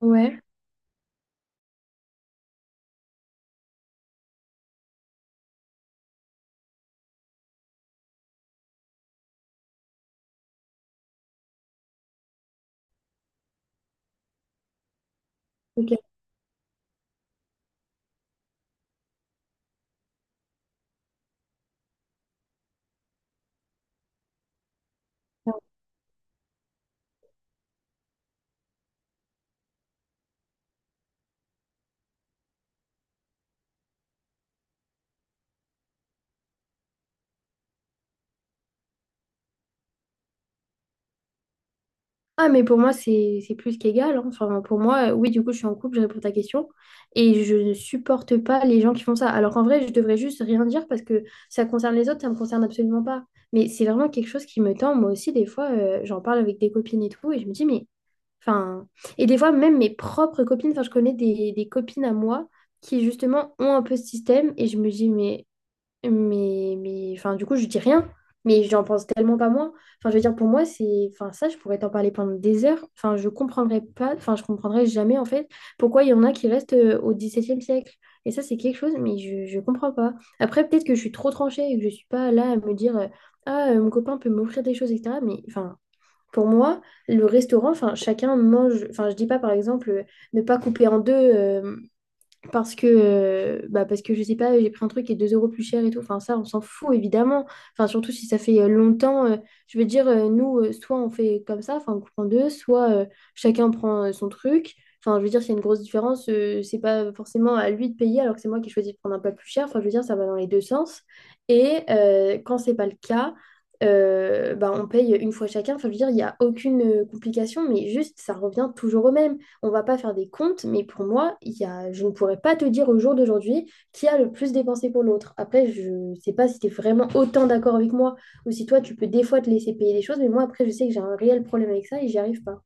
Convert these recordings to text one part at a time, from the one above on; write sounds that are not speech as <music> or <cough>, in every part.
Ouais. Ok. Ah, mais pour moi, c'est plus qu'égal, hein. Enfin, pour moi, oui, du coup, je suis en couple, je réponds à ta question. Et je ne supporte pas les gens qui font ça. Alors qu'en vrai, je devrais juste rien dire parce que ça concerne les autres, ça me concerne absolument pas. Mais c'est vraiment quelque chose qui me tend. Moi aussi, des fois, j'en parle avec des copines et tout. Et je me dis, mais. Enfin... Et des fois, même mes propres copines, enfin, je connais des copines à moi qui, justement, ont un peu ce système. Et je me dis, mais. Mais enfin, du coup, je dis rien. Mais j'en pense tellement pas moins. Enfin, je veux dire, pour moi, c'est... Enfin, ça, je pourrais t'en parler pendant des heures. Enfin, je comprendrais pas... Enfin, je comprendrais jamais, en fait, pourquoi il y en a qui restent au XVIIe siècle. Et ça, c'est quelque chose, mais je comprends pas. Après, peut-être que je suis trop tranchée et que je suis pas là à me dire, ah, mon copain peut m'offrir des choses, etc. Mais, enfin, pour moi, le restaurant, enfin, chacun mange... Enfin, je dis pas, par exemple, ne pas couper en deux, parce que, bah parce que je sais pas, j'ai pris un truc qui est 2 euros plus cher et tout. Enfin, ça, on s'en fout évidemment. Enfin, surtout si ça fait longtemps. Je veux dire, nous, soit on fait comme ça, enfin, on coupe en deux, soit chacun prend son truc. Enfin, je veux dire, s'il y a une grosse différence, c'est pas forcément à lui de payer alors que c'est moi qui choisis de prendre un plat plus cher. Enfin, je veux dire, ça va dans les deux sens. Et quand c'est pas le cas, bah, on paye une fois chacun. Enfin, je veux dire, il n'y a aucune complication, mais juste, ça revient toujours au même. On va pas faire des comptes, mais pour moi, il y a, je ne pourrais pas te dire au jour d'aujourd'hui qui a le plus dépensé pour l'autre. Après, je sais pas si tu es vraiment autant d'accord avec moi ou si toi, tu peux des fois te laisser payer des choses, mais moi, après, je sais que j'ai un réel problème avec ça et j'y arrive pas.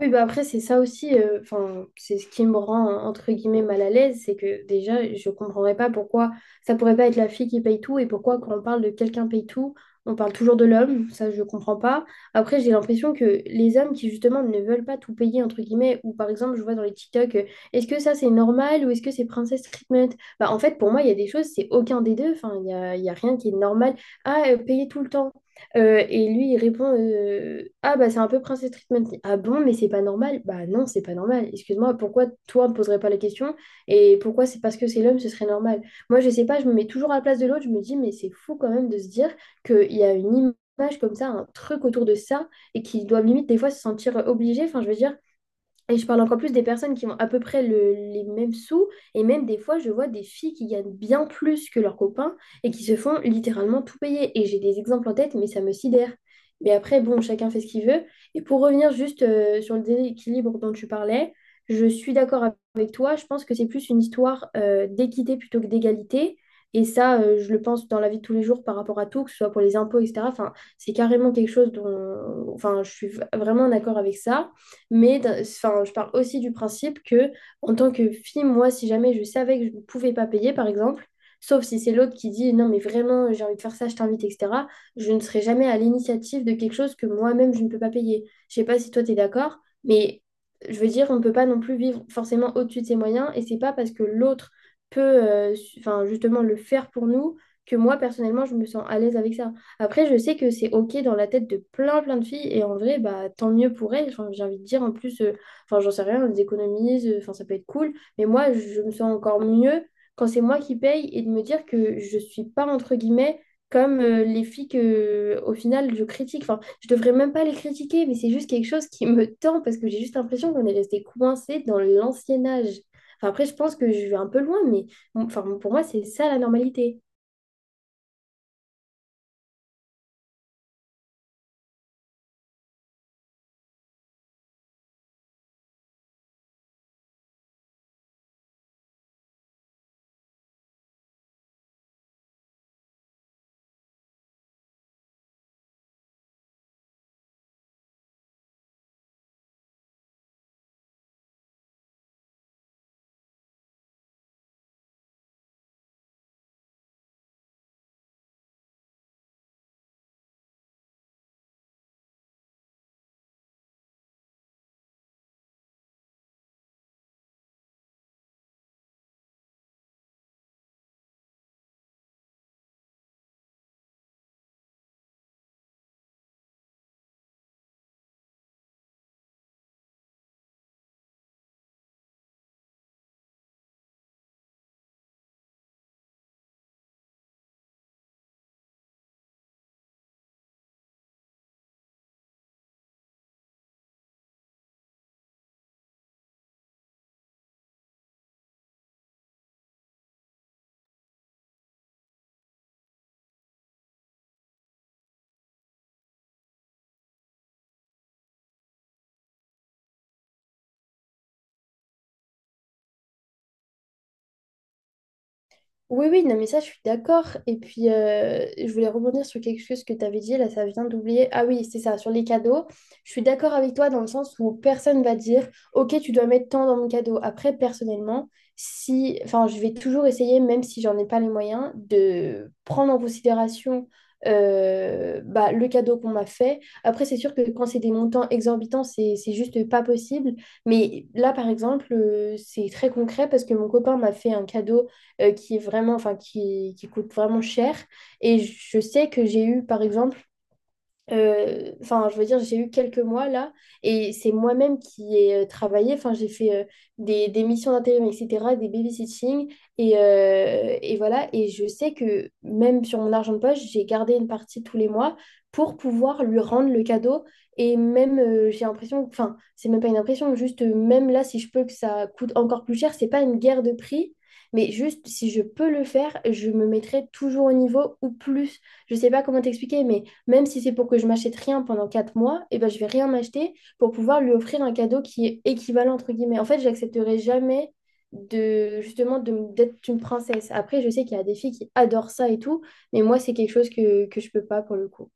Oui, bah après, c'est ça aussi, enfin, c'est ce qui me rend, entre guillemets, mal à l'aise, c'est que déjà, je comprendrais pas pourquoi ça pourrait pas être la fille qui paye tout et pourquoi quand on parle de quelqu'un paye tout, on parle toujours de l'homme, ça je comprends pas. Après, j'ai l'impression que les hommes qui justement ne veulent pas tout payer, entre guillemets, ou par exemple, je vois dans les TikTok, est-ce que ça c'est normal ou est-ce que c'est princess treatment? Bah en fait, pour moi, il y a des choses, c'est aucun des deux, enfin, il y a rien qui est normal. Ah, payer tout le temps. Et lui, il répond, ah, bah, c'est un peu Princess Treatment. Ah bon, mais c'est pas normal. Bah, non, c'est pas normal. Excuse-moi, pourquoi toi, ne poserais pas la question? Et pourquoi c'est parce que c'est l'homme, ce serait normal? Moi, je sais pas, je me mets toujours à la place de l'autre. Je me dis, mais c'est fou quand même de se dire qu'il y a une image comme ça, un truc autour de ça, et qu'ils doivent limite des fois se sentir obligés. Enfin, je veux dire, et je parle encore plus des personnes qui ont à peu près les mêmes sous. Et même des fois, je vois des filles qui gagnent bien plus que leurs copains et qui se font littéralement tout payer. Et j'ai des exemples en tête, mais ça me sidère. Mais après, bon, chacun fait ce qu'il veut. Et pour revenir juste sur le déséquilibre dont tu parlais, je suis d'accord avec toi. Je pense que c'est plus une histoire d'équité plutôt que d'égalité. Et ça, je le pense dans la vie de tous les jours par rapport à tout, que ce soit pour les impôts, etc. Enfin, c'est carrément quelque chose dont... Enfin, je suis vraiment d'accord avec ça. Mais enfin, je parle aussi du principe que, en tant que fille, moi, si jamais je savais que je ne pouvais pas payer, par exemple, sauf si c'est l'autre qui dit non, mais vraiment, j'ai envie de faire ça, je t'invite, etc., je ne serai jamais à l'initiative de quelque chose que moi-même, je ne peux pas payer. Je ne sais pas si toi, tu es d'accord, mais je veux dire, on ne peut pas non plus vivre forcément au-dessus de ses moyens, et c'est pas parce que l'autre peut, enfin, justement, le faire pour nous que moi, personnellement, je me sens à l'aise avec ça. Après, je sais que c'est OK dans la tête de plein, plein de filles. Et en vrai, bah, tant mieux pour elles. Enfin, j'ai envie de dire, en plus, enfin, j'en sais rien, on les économise. Enfin, ça peut être cool. Mais moi, je me sens encore mieux quand c'est moi qui paye et de me dire que je suis pas, entre guillemets, comme les filles que, au final, je critique. Enfin, je devrais même pas les critiquer, mais c'est juste quelque chose qui me tend parce que j'ai juste l'impression qu'on est resté coincé dans l'ancien âge. Enfin, après, je pense que je vais un peu loin, mais enfin, pour moi, c'est ça la normalité. Oui, oui, non, mais ça, je suis d'accord. Et puis, je voulais rebondir sur quelque chose que tu avais dit, là, ça vient d'oublier. Ah oui, c'est ça, sur les cadeaux. Je suis d'accord avec toi dans le sens où personne va dire, OK, tu dois mettre tant dans mon cadeau. Après, personnellement, si, enfin, je vais toujours essayer, même si j'en ai pas les moyens, de prendre en considération, bah, le cadeau qu'on m'a fait. Après, c'est sûr que quand c'est des montants exorbitants, c'est juste pas possible. Mais là, par exemple, c'est très concret parce que mon copain m'a fait un cadeau qui est vraiment, enfin, qui coûte vraiment cher. Et je sais que j'ai eu, par exemple, enfin, je veux dire, j'ai eu quelques mois là, et c'est moi-même qui ai travaillé. Enfin, j'ai fait, des missions d'intérim, etc., des babysitting, et voilà. Et je sais que même sur mon argent de poche, j'ai gardé une partie tous les mois pour pouvoir lui rendre le cadeau. Et même, j'ai l'impression, enfin, c'est même pas une impression, juste même là, si je peux que ça coûte encore plus cher, c'est pas une guerre de prix. Mais juste, si je peux le faire, je me mettrai toujours au niveau ou plus. Je sais pas comment t'expliquer, mais même si c'est pour que je m'achète rien pendant 4 mois, et ben, je vais rien m'acheter pour pouvoir lui offrir un cadeau qui est équivalent, entre guillemets. En fait, j'accepterai jamais de justement d'être une princesse. Après, je sais qu'il y a des filles qui adorent ça et tout, mais moi, c'est quelque chose que je peux pas pour le coup.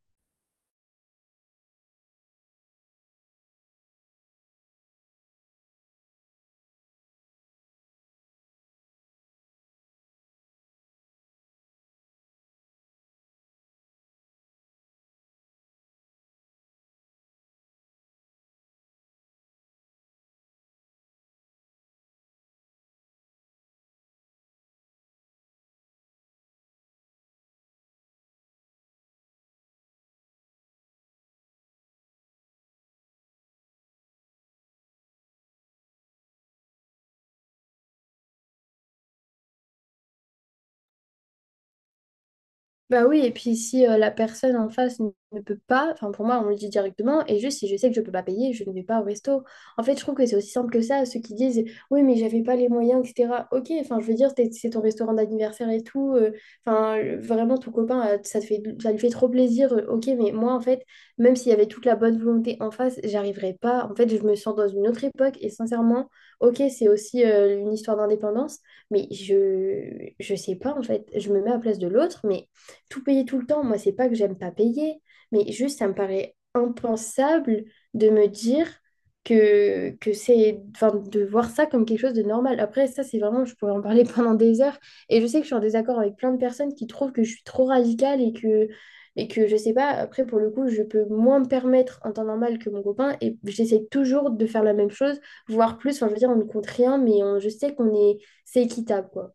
Bah oui, et puis si la personne en face ne peut pas, enfin pour moi, on le dit directement, et juste si je sais que je peux pas payer, je ne vais pas au resto. En fait, je trouve que c'est aussi simple que ça, ceux qui disent oui, mais j'avais pas les moyens, etc. Ok, enfin je veux dire, c'est ton restaurant d'anniversaire et tout, enfin vraiment ton copain, ça te fait, ça lui fait trop plaisir, ok, mais moi en fait, même s'il y avait toute la bonne volonté en face, j'arriverais pas. En fait, je me sens dans une autre époque, et sincèrement, ok, c'est aussi une histoire d'indépendance. Mais je sais pas en fait, je me mets à la place de l'autre, mais tout payer tout le temps, moi, c'est pas que j'aime pas payer, mais juste, ça me paraît impensable de me dire que c'est, enfin, de voir ça comme quelque chose de normal. Après, ça, c'est vraiment, je pourrais en parler <laughs> pendant des heures. Et je sais que je suis en désaccord avec plein de personnes qui trouvent que je suis trop radicale et que je sais pas, après, pour le coup, je peux moins me permettre en temps normal que mon copain et j'essaie toujours de faire la même chose, voire plus. Enfin, je veux dire, on ne compte rien, mais je sais qu'on est, c'est équitable, quoi.